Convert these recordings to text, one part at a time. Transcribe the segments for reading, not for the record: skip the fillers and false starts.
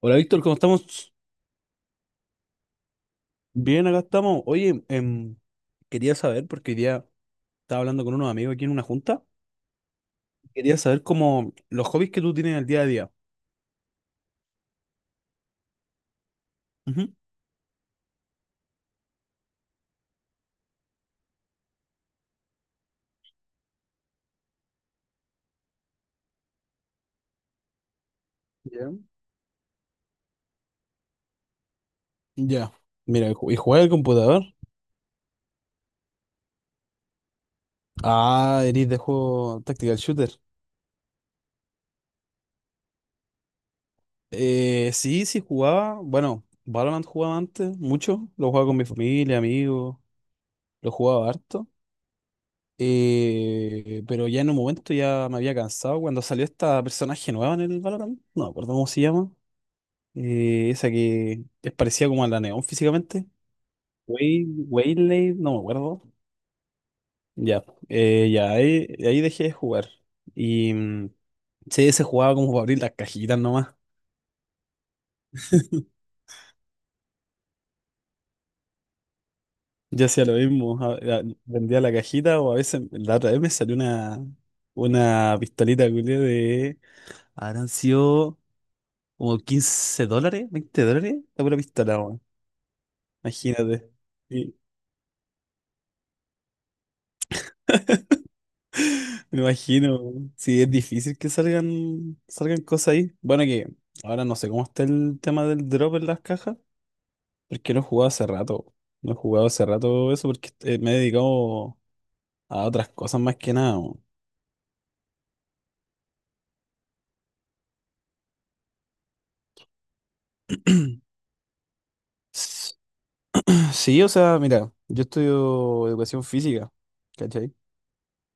Hola Víctor, ¿cómo estamos? Bien, acá estamos. Oye, quería saber, porque hoy día estaba hablando con unos amigos aquí en una junta, quería saber cómo los hobbies que tú tienes en el día a día. Ujú. Ya. Ya. Mira, ¿y jugar al computador? Ah, eres de juego Tactical Shooter. Sí, sí jugaba. Bueno, Valorant jugaba antes, mucho. Lo jugaba con mi familia, amigos, lo jugaba harto. Pero ya en un momento ya me había cansado cuando salió esta personaje nueva en el Valorant. No me acuerdo cómo se llama. Esa que es parecida como a la Neón físicamente. Waylay, no me acuerdo. Ya, ya, ahí dejé de jugar. Y sí, se jugaba como para abrir las cajitas nomás. Yo hacía lo mismo, vendía la cajita o a veces la otra vez me salió una pistolita culiá de... Habrán sido como $15, $20, la pura pistola, weón. Imagínate. Me imagino, weón. Sí, es difícil que salgan cosas ahí. Bueno, que ahora no sé cómo está el tema del drop en las cajas, porque no he jugado hace rato. No he jugado hace rato eso porque me he dedicado a otras cosas más que nada, weón. S- Sí, o sea, mira, yo estudio educación física, ¿cachai?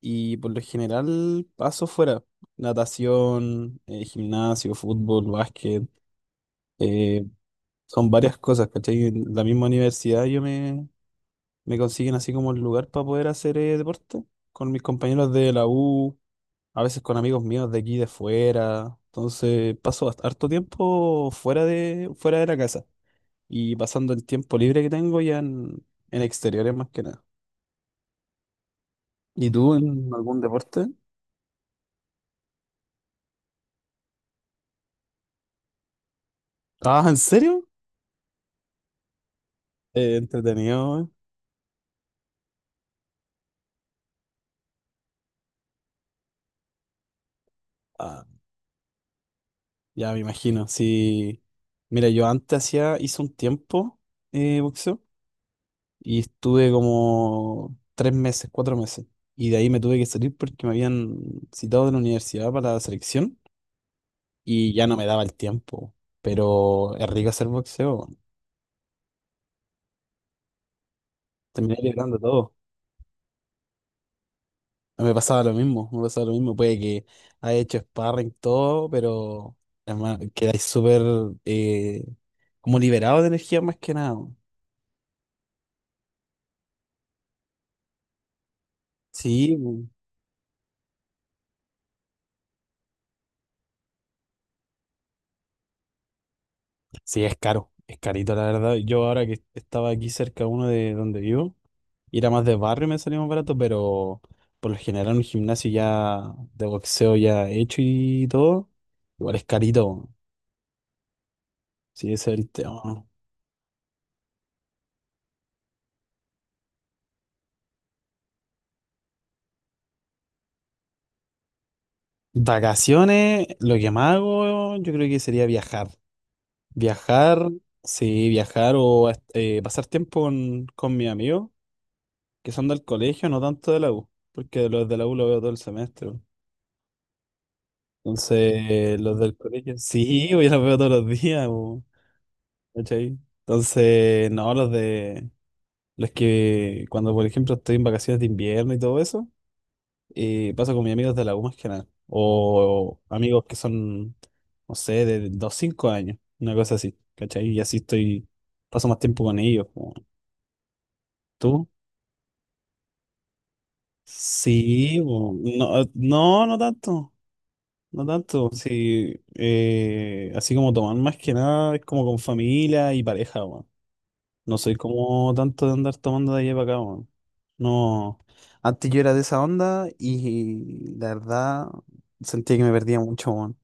Y por lo general paso fuera. Natación, gimnasio, fútbol, básquet, eh, son varias cosas, ¿cachai? En la misma universidad yo me consiguen así como el lugar para poder hacer deporte con mis compañeros de la U, a veces con amigos míos de aquí de fuera. Entonces paso harto tiempo fuera de la casa y pasando el tiempo libre que tengo ya en exteriores más que nada. ¿Y tú en algún deporte? Ah, ¿en serio? Entretenido. Ah, ya me imagino. Sí. Mira, yo antes hacía, hice un tiempo boxeo. Y estuve como 3 meses, 4 meses. Y de ahí me tuve que salir porque me habían citado de la universidad para la selección y ya no me daba el tiempo. Pero es rico hacer boxeo. Terminé liberando todo. No, me pasaba lo mismo, me pasaba lo mismo. Puede que haya hecho sparring todo, pero además quedáis súper eh, como liberado de energía más que nada. Sí, sí, es caro, es carito la verdad. Yo ahora que estaba aquí cerca uno de donde vivo, ir a más de barrio me salía más barato, pero por lo general un gimnasio ya de boxeo ya hecho y todo, igual es carito, weón. Sí, ese es el tema. Vacaciones, lo que más hago yo creo que sería viajar. Viajar, sí, viajar o pasar tiempo con mis amigos que son del colegio, no tanto de la U, porque los de la U los veo todo el semestre, weón. Entonces, los del colegio, sí, yo los veo todos los días, weón. ¿Cachai? Entonces, no, es que cuando, por ejemplo, estoy en vacaciones de invierno y todo eso, paso con mis amigos de la U más que nada. O amigos que son, no sé, de 2, 5 años, una cosa así, ¿cachai? Y así estoy, paso más tiempo con ellos, po. ¿Tú? Sí, po. No, no, no tanto, no tanto. Sí, así como tomar más que nada es como con familia y pareja, po. No soy como tanto de andar tomando de allá para acá, po. No, antes yo era de esa onda y la verdad sentía que me perdía mucho, weón.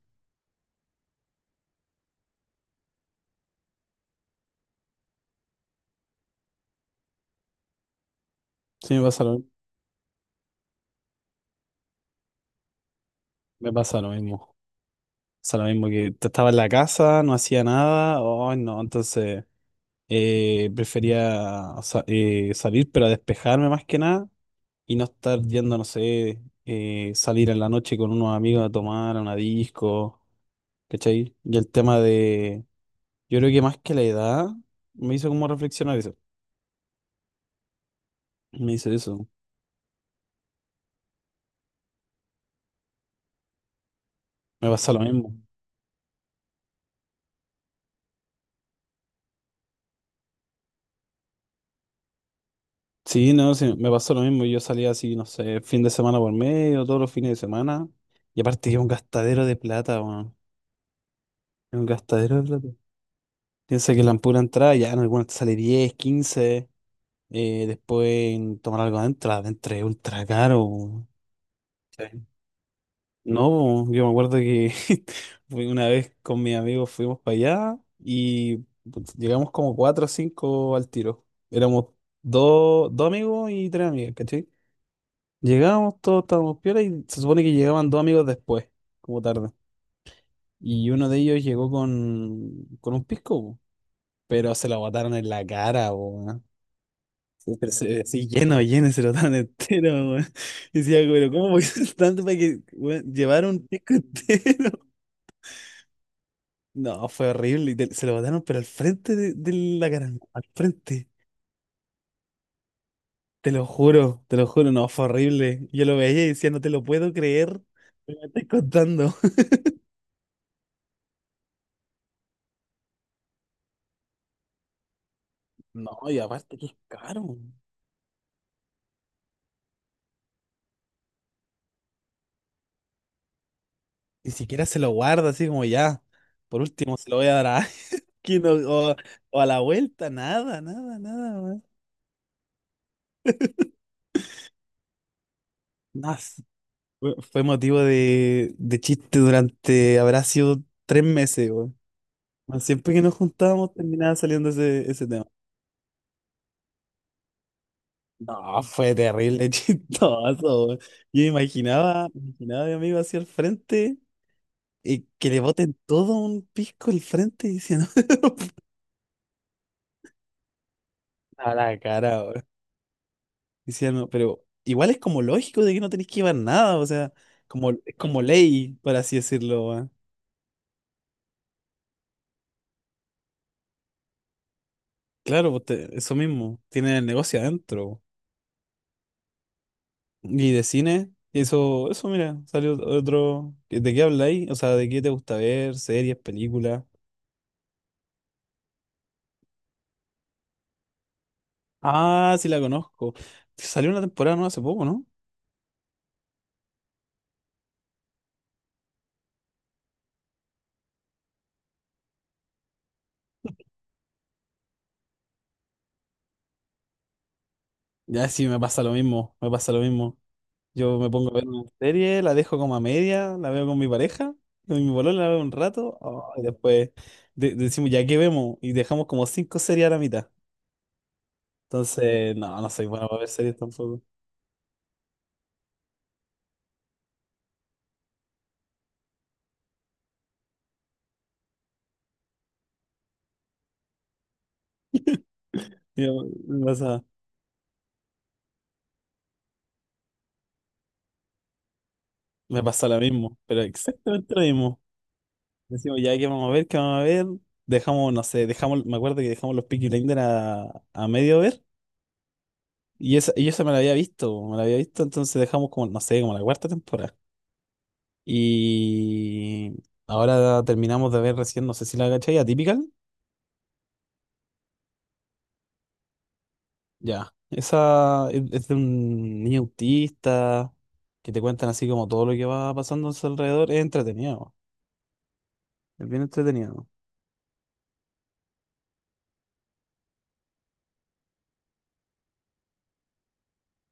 Sí, me pasa lo mismo. Pasa lo mismo que estaba en la casa, no hacía nada, ay no, entonces prefería salir, pero a despejarme más que nada y no estar yendo, no sé, salir en la noche con unos amigos a tomar, a una disco, ¿cachai? Y el tema de, yo creo que más que la edad, me hizo como reflexionar eso, me hizo eso, me pasa lo mismo. Sí, no, sí, me pasó lo mismo. Yo salía así, no sé, fin de semana por medio, todos los fines de semana. Y aparte que es un gastadero de plata, weón. Es un gastadero de plata. Piensa que la pura entrada ya en algunas te sale 10 15 después en tomar algo adentro, adentro es ultra caro, weón. Sí. No, weón, yo me acuerdo que fui una vez con mis amigos fuimos para allá y putz, llegamos como cuatro o cinco al tiro. Éramos dos amigos y tres amigas. Llegamos, todos estábamos piola y se supone que llegaban dos amigos después, como tarde. Y uno de ellos llegó con un pisco, po, pero se lo botaron en la cara, po, weón. Sí, pero así lleno, lleno, se lo botaron entero, weón. Y decía, pero ¿cómo voy tanto para que weón, llevar un pisco entero? No, fue horrible. Y se lo botaron, pero al frente de la cara, no, al frente. Te lo juro, no, fue horrible. Yo lo veía y decía, no te lo puedo creer. Me lo estás contando. No, y aparte que es caro. Ni siquiera se lo guarda así como ya. Por último, se lo voy a dar a alguien o a la vuelta. Nada, nada, nada, weón. Nada. Fue motivo de chiste durante, habrá sido 3 meses, weón. Bueno, siempre que nos juntábamos terminaba saliendo ese tema. No, fue terrible, chistoso, weón. Yo imaginaba a mi amigo hacia el frente y que le boten todo un pisco al frente y diciendo a la cara, weón. Hicieron, pero igual es como lógico de que no tenéis que llevar nada, o sea, como, es como ley, por así decirlo, weón. Claro, pues eso mismo, tiene el negocio adentro. Y de cine, eso, mira, salió otro. ¿De qué habláis? O sea, ¿de qué te gusta ver? ¿Series, películas? Ah, sí la conozco. Salió una temporada nueva hace poco, ¿no? Ya sí, me pasa lo mismo, me pasa lo mismo. Yo me pongo a ver una serie, la dejo como a media, la veo con mi pareja, con mi bolón la veo un rato, oh, y después decimos, ya qué vemos, y dejamos como cinco series a la mitad. Entonces, no, no soy bueno para ver series tampoco. Me pasa, me pasa lo mismo, pero exactamente lo mismo. Decimos, ya qué vamos a ver, qué vamos a ver, dejamos, no sé, dejamos, me acuerdo que dejamos los Peaky Blinders a medio ver, y esa me la había visto, me la había visto, entonces dejamos como, no sé, como la cuarta temporada. Y ahora terminamos de ver recién, no sé si la cachai, Atypical. Ya. Esa es de un niño autista que te cuentan así como todo lo que va pasando a su alrededor. Es entretenido. Es bien entretenido.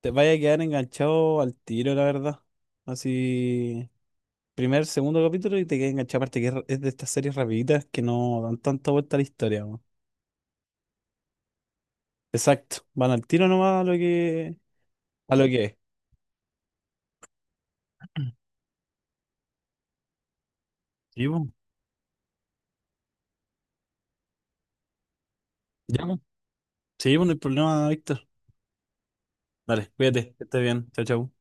Te vaya a quedar enganchado al tiro, la verdad. Así, primer, segundo capítulo y te quedas enganchado. Aparte que es de estas series rapiditas que no dan tanta vuelta a la historia, weón. Exacto. Van al tiro nomás a lo que es. Sí, bueno. Ya, pues. Sí, pues no hay problema, Víctor. Dale, cuídate, que estés bien. Chao, chao.